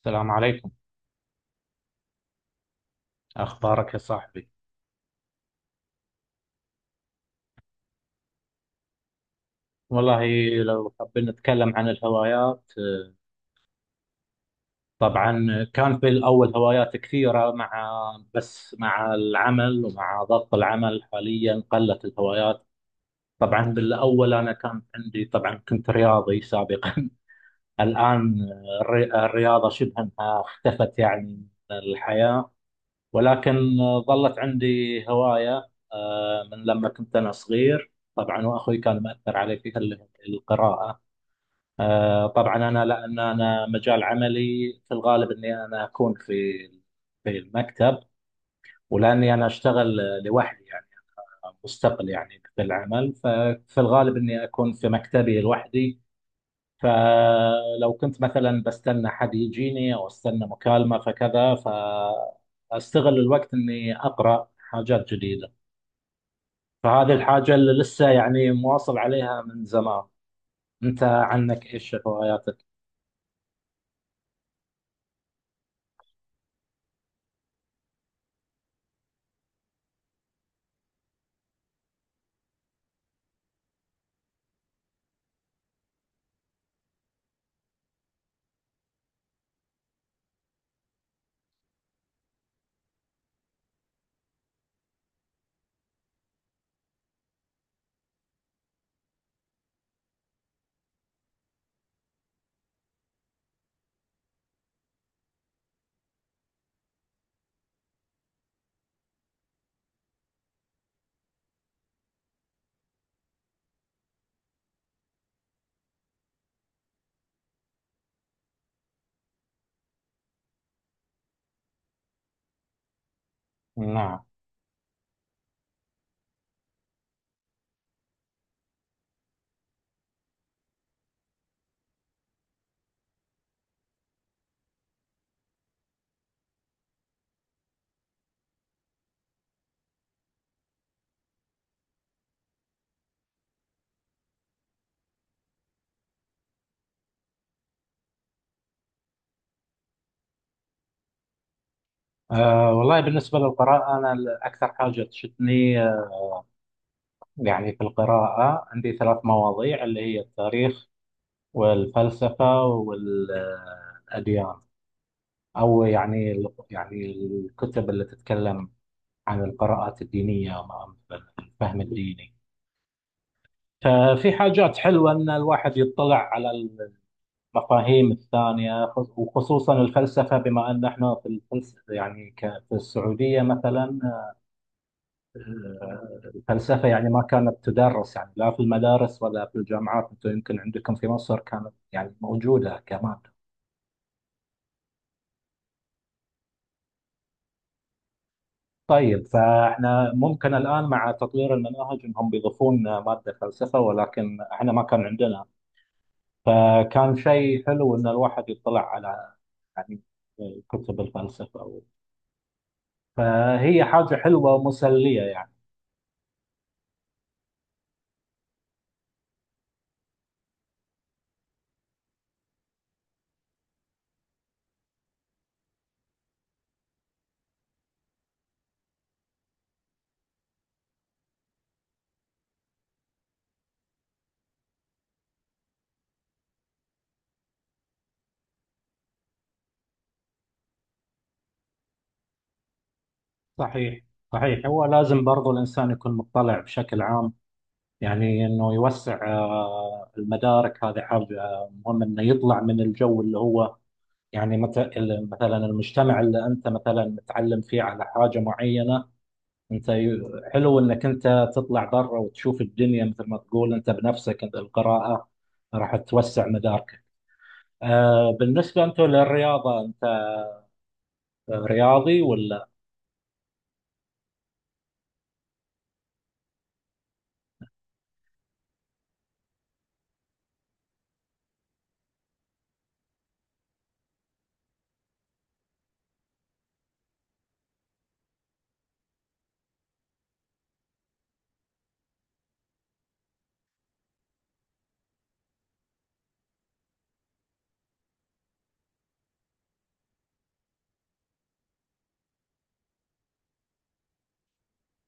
السلام عليكم. أخبارك يا صاحبي؟ والله، لو حابين نتكلم عن الهوايات، طبعا. كان في الأول هوايات كثيرة مع، بس مع العمل ومع ضغط العمل حاليا قلت الهوايات. طبعا بالأول أنا كان عندي، طبعا كنت رياضي سابقا. الآن الرياضة شبه أنها اختفت يعني من الحياة، ولكن ظلت عندي هواية من لما كنت أنا صغير طبعا، وأخوي كان مأثر علي فيها اللي هي القراءة. طبعا أنا، لأن أنا مجال عملي في الغالب أني أنا أكون في المكتب، ولأني أنا أشتغل لوحدي يعني، مستقل يعني في العمل، ففي الغالب أني أكون في مكتبي لوحدي. فلو كنت مثلا بستنى حد يجيني او استنى مكالمه فكذا، فاستغل الوقت اني اقرا حاجات جديده. فهذه الحاجه اللي لسه يعني مواصل عليها من زمان. انت عنك ايش هواياتك؟ نعم. أه والله، بالنسبه للقراءه انا اكثر حاجه تشدني، يعني في القراءه عندي ثلاث مواضيع اللي هي التاريخ والفلسفه والاديان. او يعني الكتب اللي تتكلم عن القراءات الدينية وعن الفهم الديني. ففي حاجات حلوة أن الواحد يطلع على المفاهيم الثانية. وخصوصا الفلسفة، بما أن احنا في الفلسفة يعني، في السعودية مثلا الفلسفة يعني ما كانت تدرس، يعني لا في المدارس ولا في الجامعات. أنتم يمكن عندكم في مصر كانت يعني موجودة كمان. طيب، فاحنا ممكن الآن مع تطوير المناهج أنهم بيضيفون مادة فلسفة، ولكن احنا ما كان عندنا. فكان شيء حلو ان الواحد يطلع على، يعني، كتب الفلسفه أو، فهي حاجه حلوه ومسليه يعني. صحيح. صحيح، هو لازم برضو الانسان يكون مطلع بشكل عام، يعني انه يوسع المدارك، هذه حاجه مهمه انه يطلع من الجو اللي هو يعني مثلا المجتمع اللي انت مثلا متعلم فيه على حاجه معينه. انت حلو انك انت تطلع برا وتشوف الدنيا، مثل ما تقول انت بنفسك انت القراءة راح توسع مداركك. بالنسبة انتم للرياضة، انت رياضي ولا؟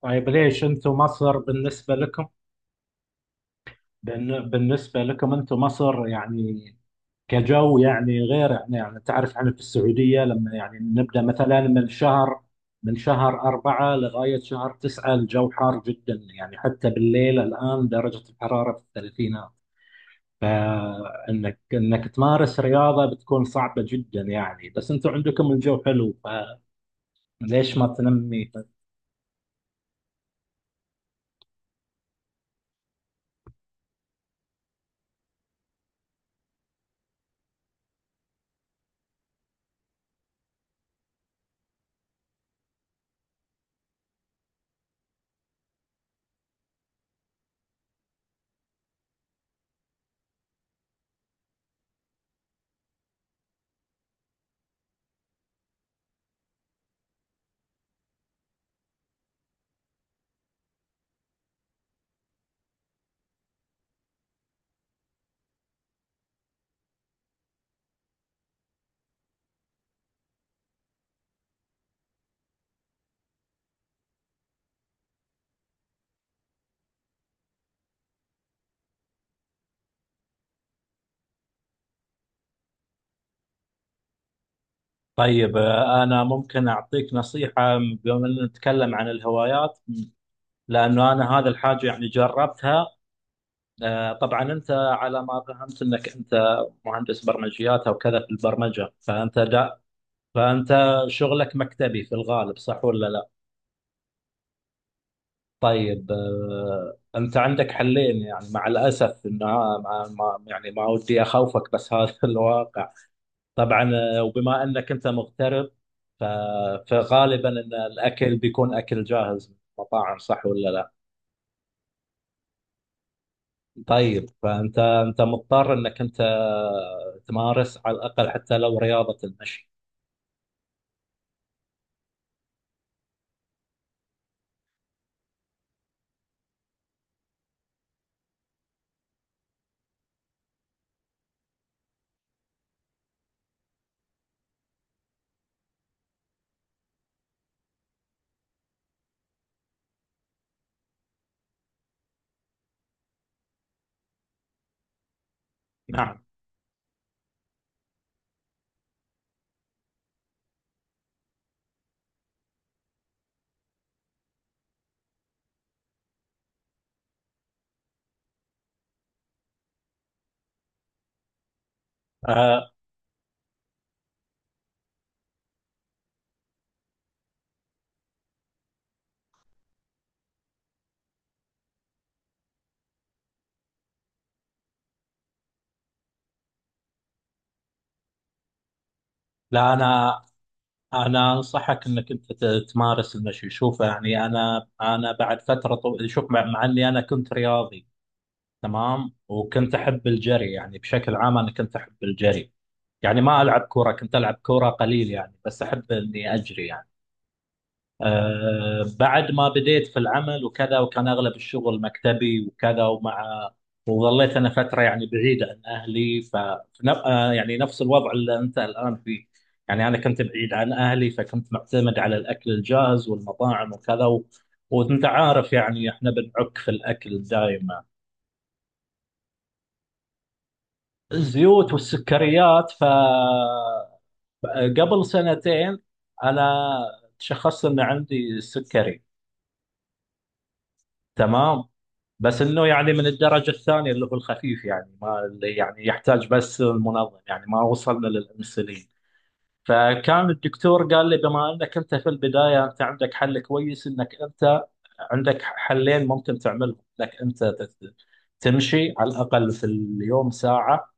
طيب، ليش انتم مصر بالنسبة لكم، بالنسبة لكم انتم مصر، يعني كجو يعني، غير احنا يعني. تعرف احنا في السعودية لما يعني نبدأ مثلا من شهر 4 لغاية شهر 9 الجو حار جدا يعني، حتى بالليل الآن درجة الحرارة في الثلاثينات. فانك تمارس رياضه بتكون صعبه جدا يعني، بس انتم عندكم الجو حلو. فليش ما تنمي؟ طيب انا ممكن اعطيك نصيحه، بما ان نتكلم عن الهوايات، لانه انا هذا الحاجه يعني جربتها. طبعا انت على ما فهمت انك انت مهندس برمجيات او كذا في البرمجه، فانت دا، فانت شغلك مكتبي في الغالب، صح ولا لا؟ طيب انت عندك حلين. يعني مع الاسف انه يعني ما ودي اخوفك، بس هذا الواقع. طبعا وبما انك انت مغترب، ف- فغالبا ان الاكل بيكون اكل جاهز من المطاعم، صح ولا لا؟ طيب فانت انت مضطر انك انت تمارس على الاقل حتى لو رياضه المشي. نعم. آه، لا، انا انصحك انك انت تمارس المشي. شوف، يعني انا بعد فتره شوف، مع اني انا كنت رياضي تمام وكنت احب الجري، يعني بشكل عام انا كنت احب الجري. يعني ما العب كوره، كنت العب كوره قليل يعني، بس احب اني اجري يعني. بعد ما بديت في العمل وكذا، وكان اغلب الشغل مكتبي وكذا، ومع وظليت انا فتره يعني بعيده عن اهلي في يعني نفس الوضع اللي انت الان فيه. يعني انا كنت بعيد عن اهلي، فكنت معتمد على الاكل الجاهز والمطاعم وكذا وانت عارف يعني احنا بنعك في الاكل دائما، الزيوت والسكريات. قبل سنتين انا تشخصت ان عندي سكري. تمام، بس انه يعني من الدرجه الثانيه اللي هو الخفيف، يعني ما اللي يعني يحتاج بس المنظم، يعني ما وصلنا للانسولين. فكان الدكتور قال لي بما انك انت في البدايه انت عندك حل كويس، انك انت عندك حلين ممكن تعملهم، انك انت تمشي على الاقل في اليوم ساعه،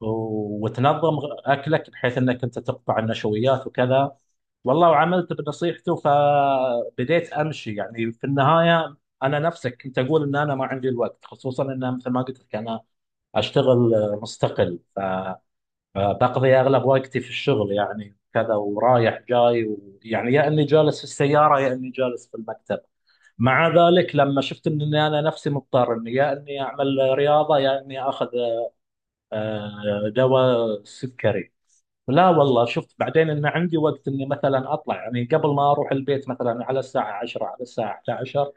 وتنظم اكلك بحيث انك انت تقطع النشويات وكذا. والله، وعملت بنصيحته، فبديت امشي. يعني في النهايه انا نفسك كنت اقول ان انا ما عندي الوقت، خصوصا ان مثل ما قلت لك انا اشتغل مستقل، فبقضي اغلب وقتي في الشغل، يعني كذا ورايح جاي يعني يا اني جالس في السياره يا اني جالس في المكتب. مع ذلك لما شفت اني انا نفسي مضطر اني يا اني اعمل رياضه يا اني اخذ دواء سكري، لا والله شفت بعدين ان عندي وقت اني مثلا اطلع، يعني قبل ما اروح البيت مثلا على الساعه 10، على الساعه 11،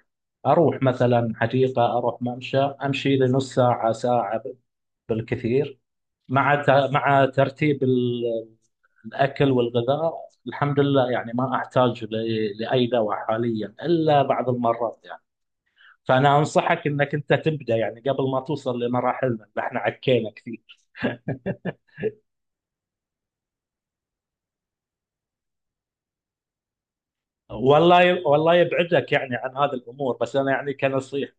اروح مثلا حديقه، اروح ممشى امشي لي نص ساعه، ساعه بالكثير، مع مع ترتيب الاكل والغذاء. الحمد لله، يعني ما احتاج لاي دواء حاليا الا بعض المرات يعني. فانا انصحك انك انت تبدا يعني قبل ما توصل لمراحلنا اللي احنا عكينا كثير. والله، والله يبعدك يعني عن هذه الامور، بس انا يعني كنصيحه.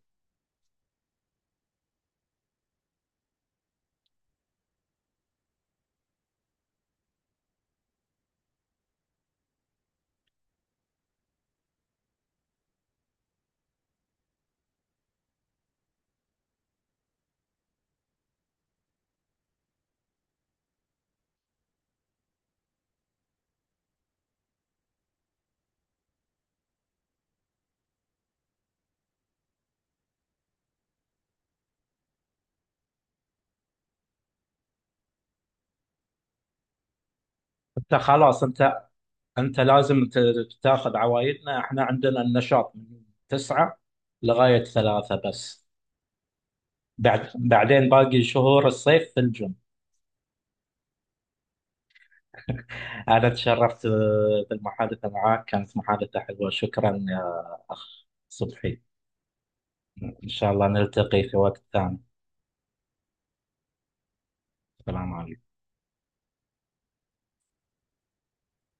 انت خلاص، انت انت لازم تاخذ عوايدنا، احنا عندنا النشاط من 9 لغاية 3 بس، بعد بعدين باقي شهور الصيف في الجيم. انا تشرفت بالمحادثة معك، كانت محادثة حلوة. شكرا يا اخ صبحي، ان شاء الله نلتقي في وقت ثاني. السلام عليكم.